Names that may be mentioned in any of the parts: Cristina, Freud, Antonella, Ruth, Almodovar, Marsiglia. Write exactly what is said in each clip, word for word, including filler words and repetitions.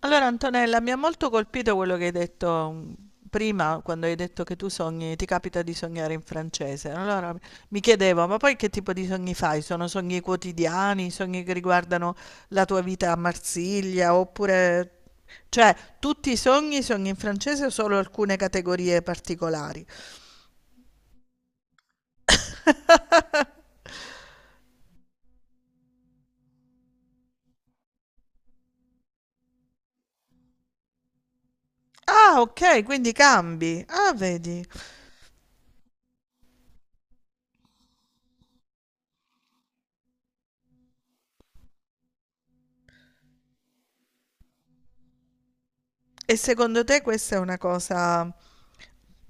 Allora Antonella, mi ha molto colpito quello che hai detto, mm, prima, quando hai detto che tu sogni, ti capita di sognare in francese. Allora mi chiedevo, ma poi che tipo di sogni fai? Sono sogni quotidiani, sogni che riguardano la tua vita a Marsiglia, oppure. Cioè, tutti i sogni, sogni in francese o solo alcune categorie particolari? Ah, ok, quindi cambi. Ah, vedi. E secondo te questa è una cosa,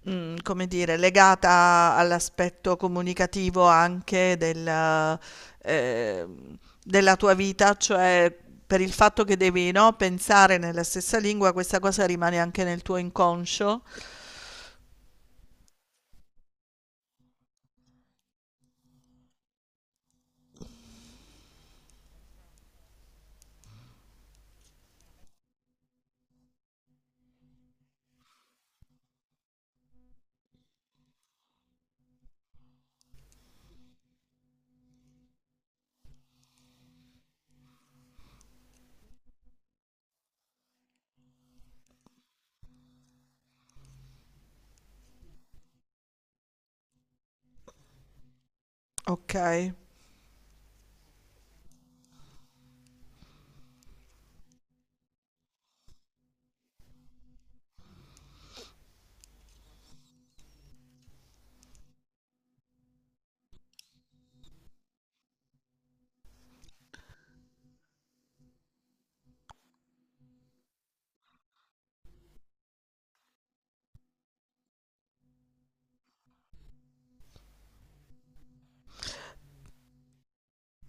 mm, come dire, legata all'aspetto comunicativo anche del, eh, della tua vita, cioè per il fatto che devi, no, pensare nella stessa lingua, questa cosa rimane anche nel tuo inconscio? Ok.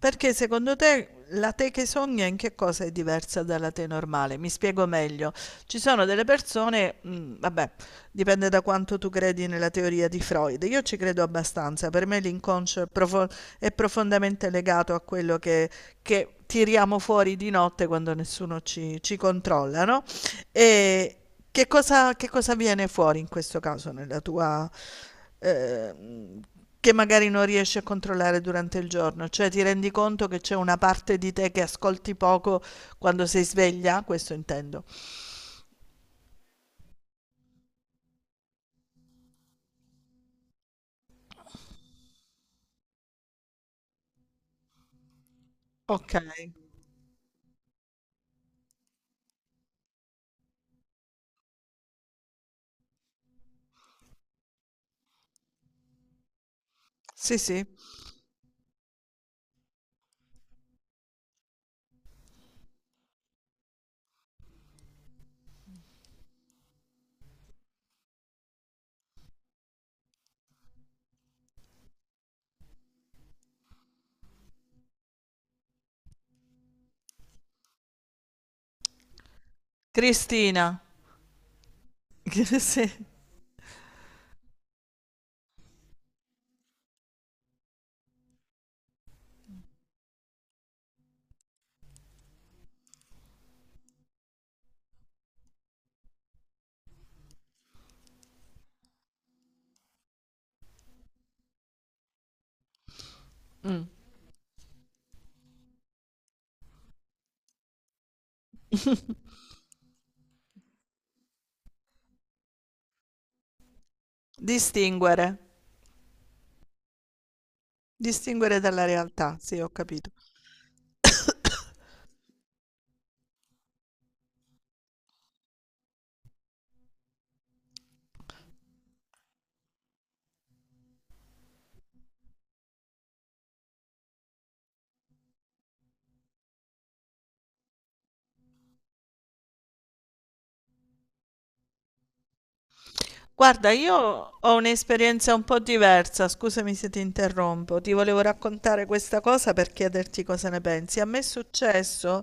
Perché secondo te la te che sogna in che cosa è diversa dalla te normale? Mi spiego meglio. Ci sono delle persone, mm, vabbè, dipende da quanto tu credi nella teoria di Freud. Io ci credo abbastanza, per me l'inconscio è profo- è profondamente legato a quello che, che tiriamo fuori di notte quando nessuno ci, ci controlla, no? E che cosa, che cosa viene fuori in questo caso nella tua, eh, che magari non riesci a controllare durante il giorno, cioè ti rendi conto che c'è una parte di te che ascolti poco quando sei sveglia? Questo intendo. Okay, sì, sì. Cristina, sì, mh. Distinguere, distinguere dalla realtà, sì, ho capito. Guarda, io ho un'esperienza un po' diversa, scusami se ti interrompo, ti volevo raccontare questa cosa per chiederti cosa ne pensi. A me è successo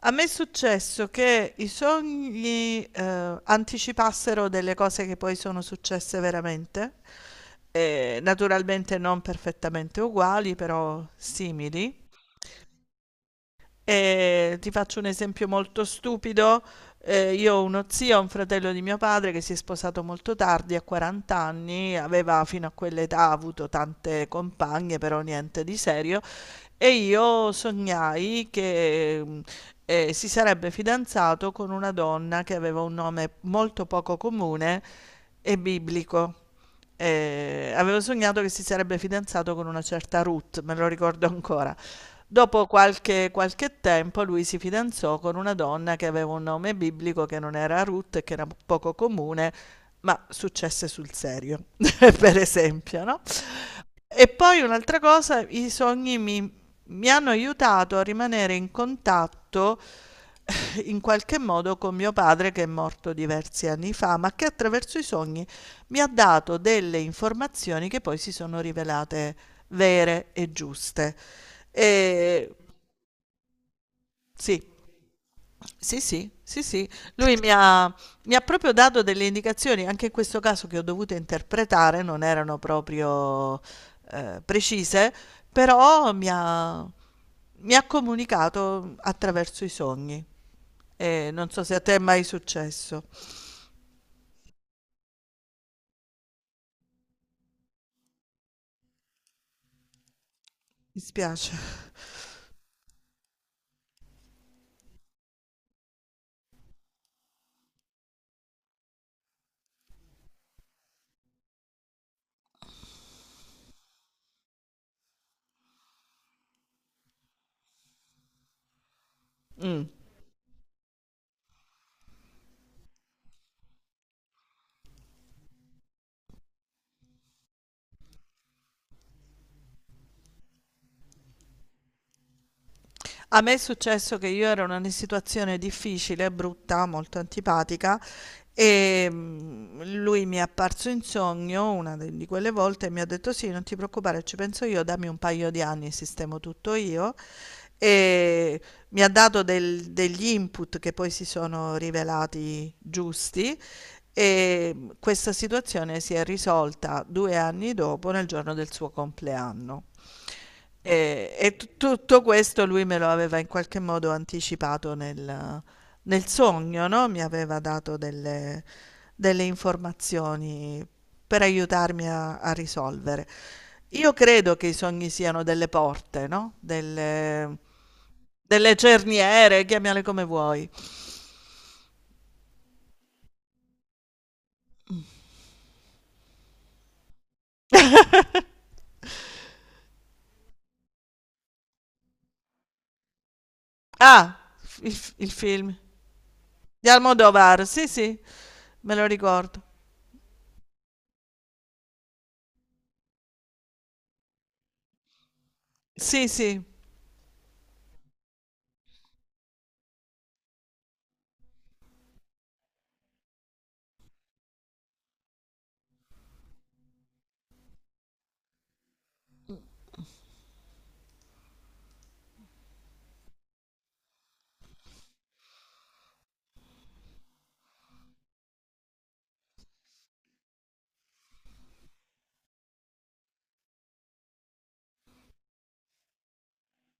A me è successo che i sogni eh, anticipassero delle cose che poi sono successe veramente, eh, naturalmente non perfettamente uguali, però simili. E ti faccio un esempio molto stupido. Eh, io ho uno zio, un fratello di mio padre che si è sposato molto tardi, a quaranta anni, aveva fino a quell'età avuto tante compagne, però niente di serio, e io sognai che, mh, eh, si sarebbe fidanzato con una donna che aveva un nome molto poco comune e biblico. Eh, avevo sognato che si sarebbe fidanzato con una certa Ruth, me lo ricordo ancora. Dopo qualche, qualche tempo lui si fidanzò con una donna che aveva un nome biblico che non era Ruth e che era poco comune, ma successe sul serio, per esempio, no? E poi un'altra cosa, i sogni mi, mi hanno aiutato a rimanere in contatto, eh, in qualche modo, con mio padre che è morto diversi anni fa, ma che attraverso i sogni mi ha dato delle informazioni che poi si sono rivelate vere e giuste. E sì. Sì, sì, sì, sì. Lui mi ha, mi ha proprio dato delle indicazioni, anche in questo caso, che ho dovuto interpretare, non erano proprio, eh, precise, però mi ha, mi ha comunicato attraverso i sogni. E non so se a te è mai successo. Mi spiace. Mm. A me è successo che io ero in una situazione difficile, brutta, molto antipatica. E mm, lui mi è apparso in sogno una de- di quelle volte e mi ha detto: Sì, non ti preoccupare, ci penso io, dammi un paio di anni, sistemo tutto io. E mi ha dato del- degli input che poi si sono rivelati giusti. E mm, questa situazione si è risolta due anni dopo, nel giorno del suo compleanno. E, e tu- tutto questo lui me lo aveva in qualche modo anticipato nel, nel, sogno, no, mi aveva dato delle delle informazioni per aiutarmi a a risolvere. Io credo che i sogni siano delle porte, no, delle delle cerniere, chiamale come vuoi. Ah, f il f il film di Almodovar, sì, sì, me lo ricordo. Sì, sì,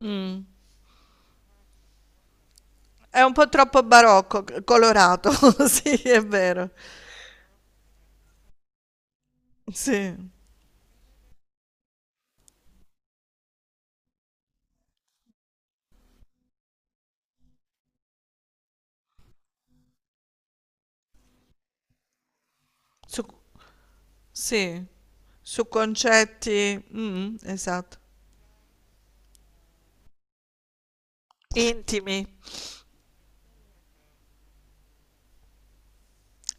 mh. È un po' troppo barocco, c colorato, sì, è vero. Sì, su sì, su concetti, mh-mh, esatto. Intimi.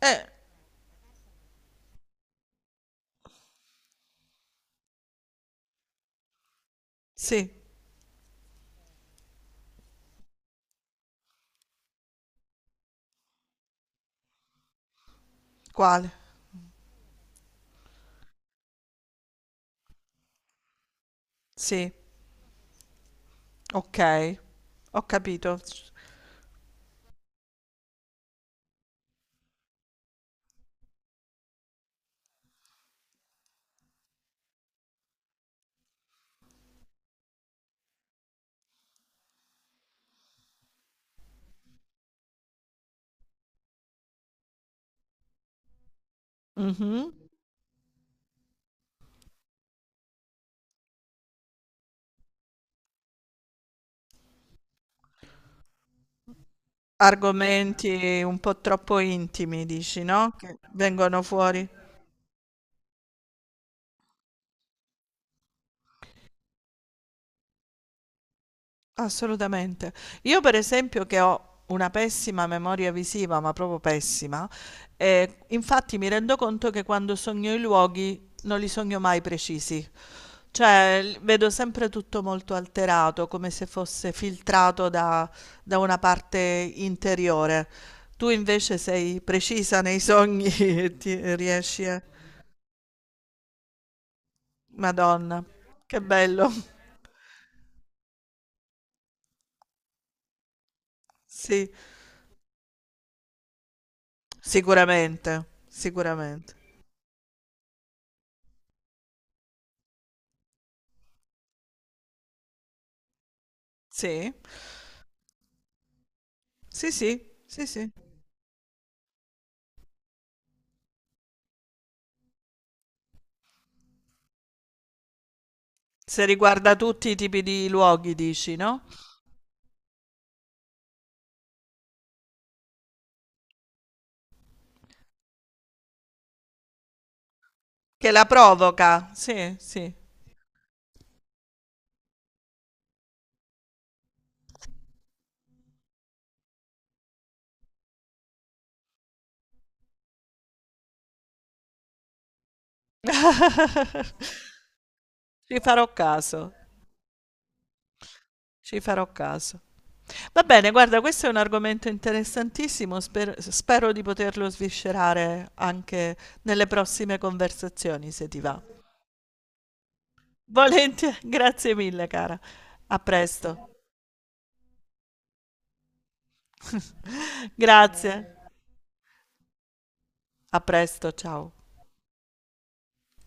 Eh, sì. Quale? Sì. Ok, ho capito. Mhm. Argomenti un po' troppo intimi, dici, no? Che vengono fuori. Assolutamente. Io, per esempio, che ho una pessima memoria visiva, ma proprio pessima, eh, infatti mi rendo conto che quando sogno i luoghi non li sogno mai precisi. Cioè, l- vedo sempre tutto molto alterato, come se fosse filtrato da, da una parte interiore. Tu invece sei precisa nei sogni e ti riesci a. Madonna, che bello. Sì, sicuramente, sicuramente. Sì, sì, sì, sì, sì. Se riguarda tutti i tipi di luoghi, dici, no? Che la provoca. Sì, sì. Ci farò caso, ci farò caso. Va bene, guarda, questo è un argomento interessantissimo, sper- spero di poterlo sviscerare anche nelle prossime conversazioni, se ti va. Volentieri, grazie mille, cara. A presto. Grazie. A presto, ciao.